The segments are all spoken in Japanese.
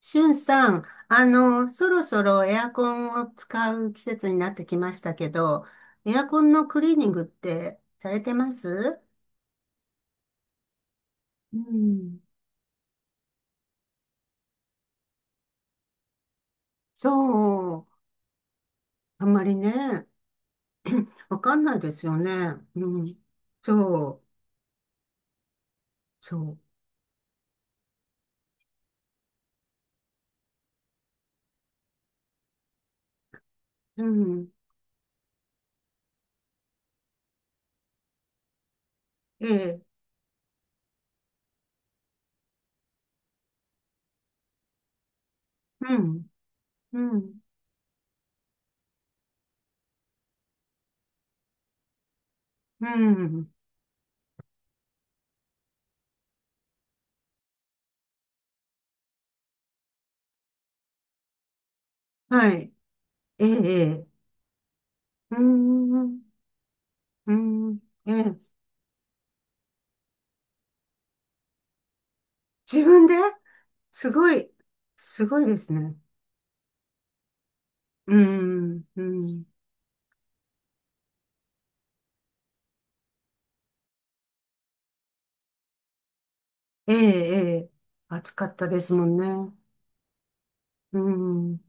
しゅんさん、そろそろエアコンを使う季節になってきましたけど、エアコンのクリーニングってされてます？うん。そう。あんまりね、わかんないですよね。うん。そう。そう。うん。ええ。うん。うん。うん。はい。ええ。ええうーん。うん。ええ。自分で。すごい。すごいですね。うん。うん。ええ、ええ、暑かったですもんね。うん、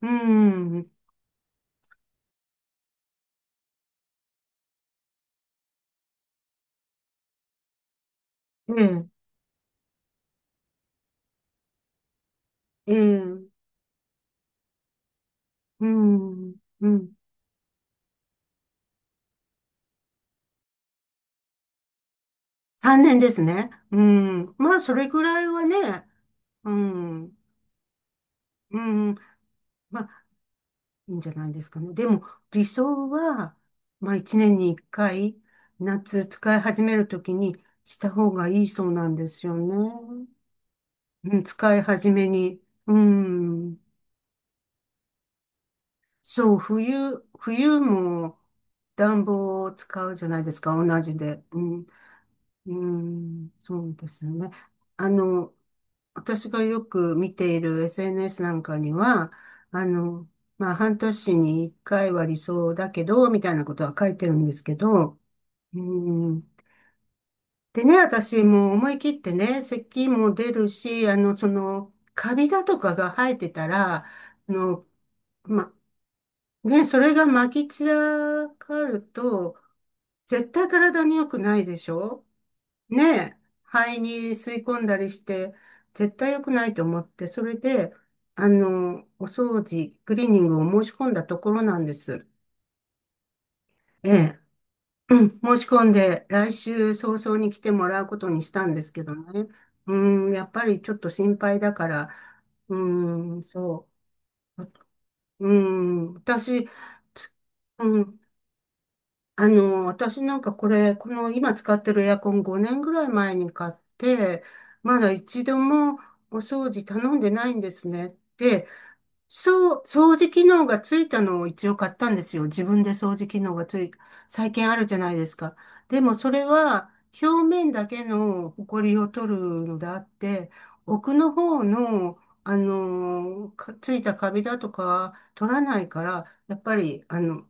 うん、ええ、ええ、うん、うん。3年ですね。うん。まあ、それぐらいはね、うん、うん、まあ、いいんじゃないですかね。でも、理想は、まあ、1年に1回、夏使い始めるときにした方がいいそうなんですよね。うん、使い始めに。うん。そう、冬も暖房を使うじゃないですか、同じで。うん、うん、そうですね。あの、私がよく見ている SNS なんかには、あの、まあ、半年に一回は理想だけど、みたいなことは書いてるんですけど、うん、でね、私もう思い切ってね、咳も出るし、カビだとかが生えてたら、まね、それがまき散らかると、絶対体に良くないでしょ？ねえ、肺に吸い込んだりして、絶対良くないと思って、それで、お掃除、クリーニングを申し込んだところなんです。ええ、うん、申し込んで、来週早々に来てもらうことにしたんですけどね。うん、やっぱりちょっと心配だから、うん、そう。うん、私、つうん、私なんかこれ、この今使ってるエアコン5年ぐらい前に買って、まだ一度もお掃除頼んでないんですね。で、そう、掃除機能がついたのを一応買ったんですよ。自分で掃除機能がつい、最近あるじゃないですか。でもそれは表面だけの埃を取るのであって、奥の方の、かついたカビだとか取らないから、やっぱり、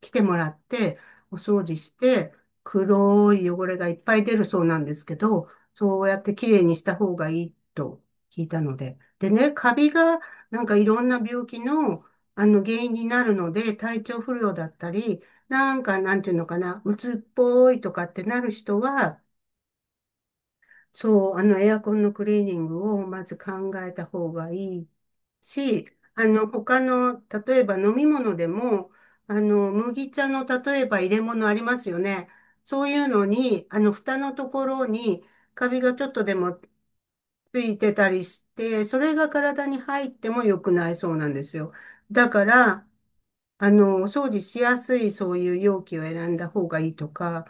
来てもらって、お掃除して、黒い汚れがいっぱい出るそうなんですけど、そうやってきれいにした方がいいと聞いたので。でね、カビが、なんかいろんな病気の、原因になるので、体調不良だったり、なんかなんていうのかな、うつっぽいとかってなる人は、そう、エアコンのクリーニングをまず考えた方がいいし、他の、例えば飲み物でも、麦茶の例えば入れ物ありますよね。そういうのに、蓋のところにカビがちょっとでもついてたりして、それが体に入っても良くないそうなんですよ。だから、お掃除しやすいそういう容器を選んだ方がいいとか、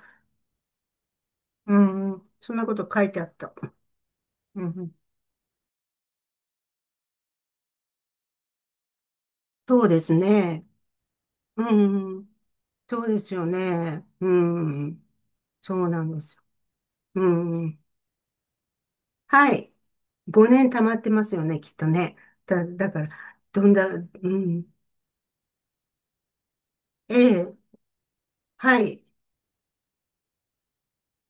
うん、そんなこと書いてあった。うんそうですね。うん。そうですよね。うん。そうなんですよ。うん。はい。5年溜まってますよね、きっとね。だから、どんな、うん。ええ。はい。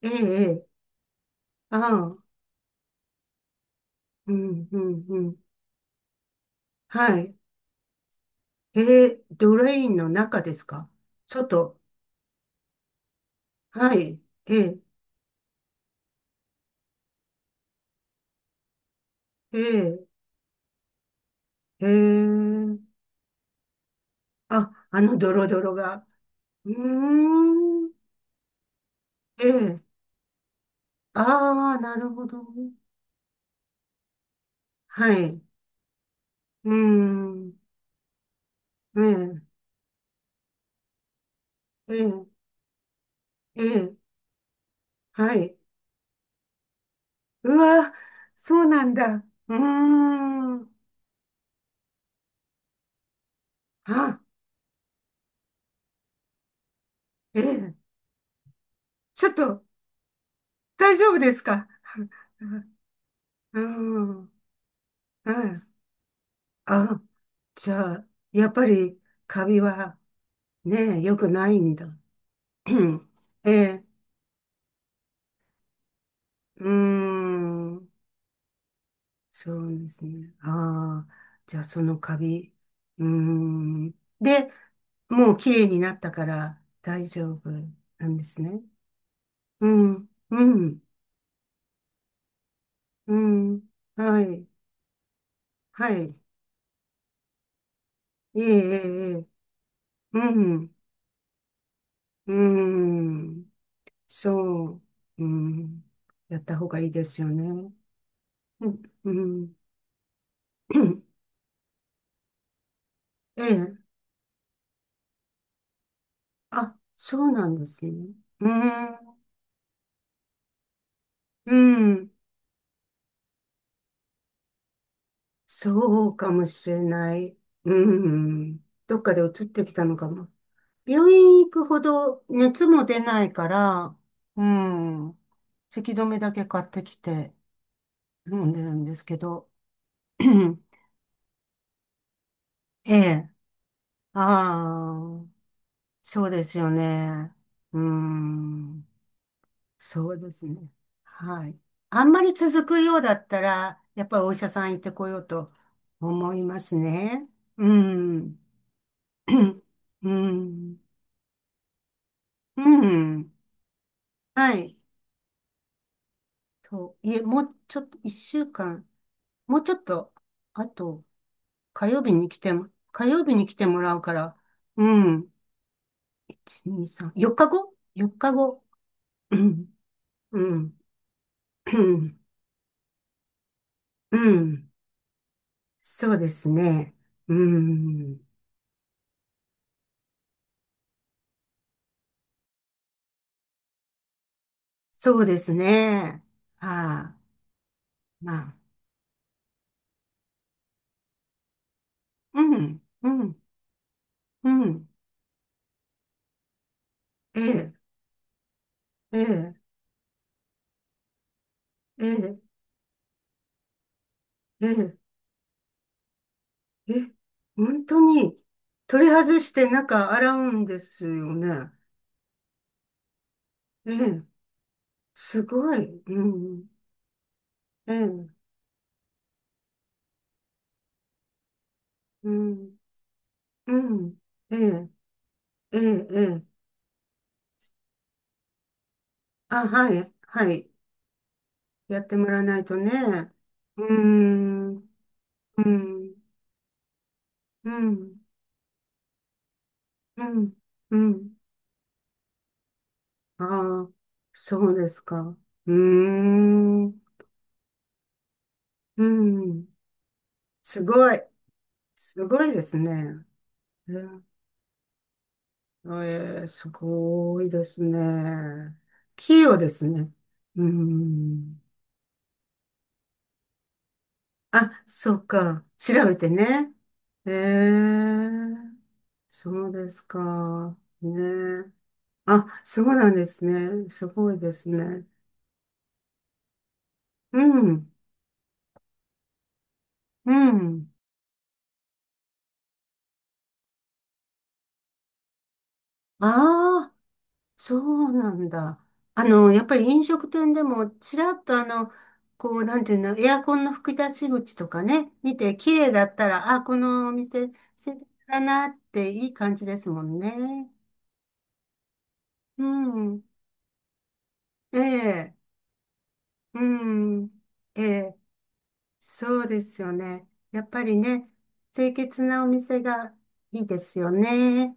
ええ、ええ。ああ。うん、うん、うん。はい。ええ、ドレインの中ですか？外。はい。ええ、ええ、ええ。あ、あのドロドロが。うーん。ええ。ああ、なるほど。はい。うーん。ええ、ええ、ええ、はい。うわ、そうなんだ。うーん。あ、ええ、ちょっと、大丈夫ですか？ うーん、うん。あ、じゃあ、やっぱり、カビは、ね、良くないんだ。うんええ、うーん。そうですね。ああ、じゃあそのカビ。うーん。で、もう綺麗になったから大丈夫なんですね。うん、うん、うん。はい、はい。いえいえいえ。うん、うん。そう。うん。やった方がいいですよね。うん、うん。ええ。あ、そうなんですね。うん、うん。そうかもしれない。うん。どっかで移ってきたのかも。病院行くほど熱も出ないから、うん。せき止めだけ買ってきて飲んでるんですけど。ええ。ああ、そうですよね。うん。そうですね。はい。あんまり続くようだったら、やっぱりお医者さん行ってこようと思いますね。うん。うん。うん。はい。いえ、もうちょっと、一週間、もうちょっと、あと、火曜日に来てもらうから、うん。1、2、3、4日後？ 4 日後。うん。うん。うん。うんそうですね。うん。そうですね。はあ、まあ。うん。うん。うん。ええ、ええ、ええ、ええ。え、本当に取り外して中洗うんですよね。ええ、すごい。うん。ええ、うん。うん。ええ、ええ、ええ。あ、はい、はい。やってもらわないとね。うーん、うん、うん、うん、うん。ああ、そうですか。うーん、うん。すごい。すごいですね。ええええ、すごいですね。器用ですね。うん。あ、そうか。調べてね。ええ、そうですか。ねえ。あ、そうなんですね。すごいですね。うん、うん。あそうなんだ。やっぱり飲食店でも、ちらっとこう、なんていうの、エアコンの吹き出し口とかね、見て、綺麗だったら、あ、このお店、素敵だなって、いい感じですもんね。うん。ええ、うん。ええ、そうですよね。やっぱりね、清潔なお店がいいですよね。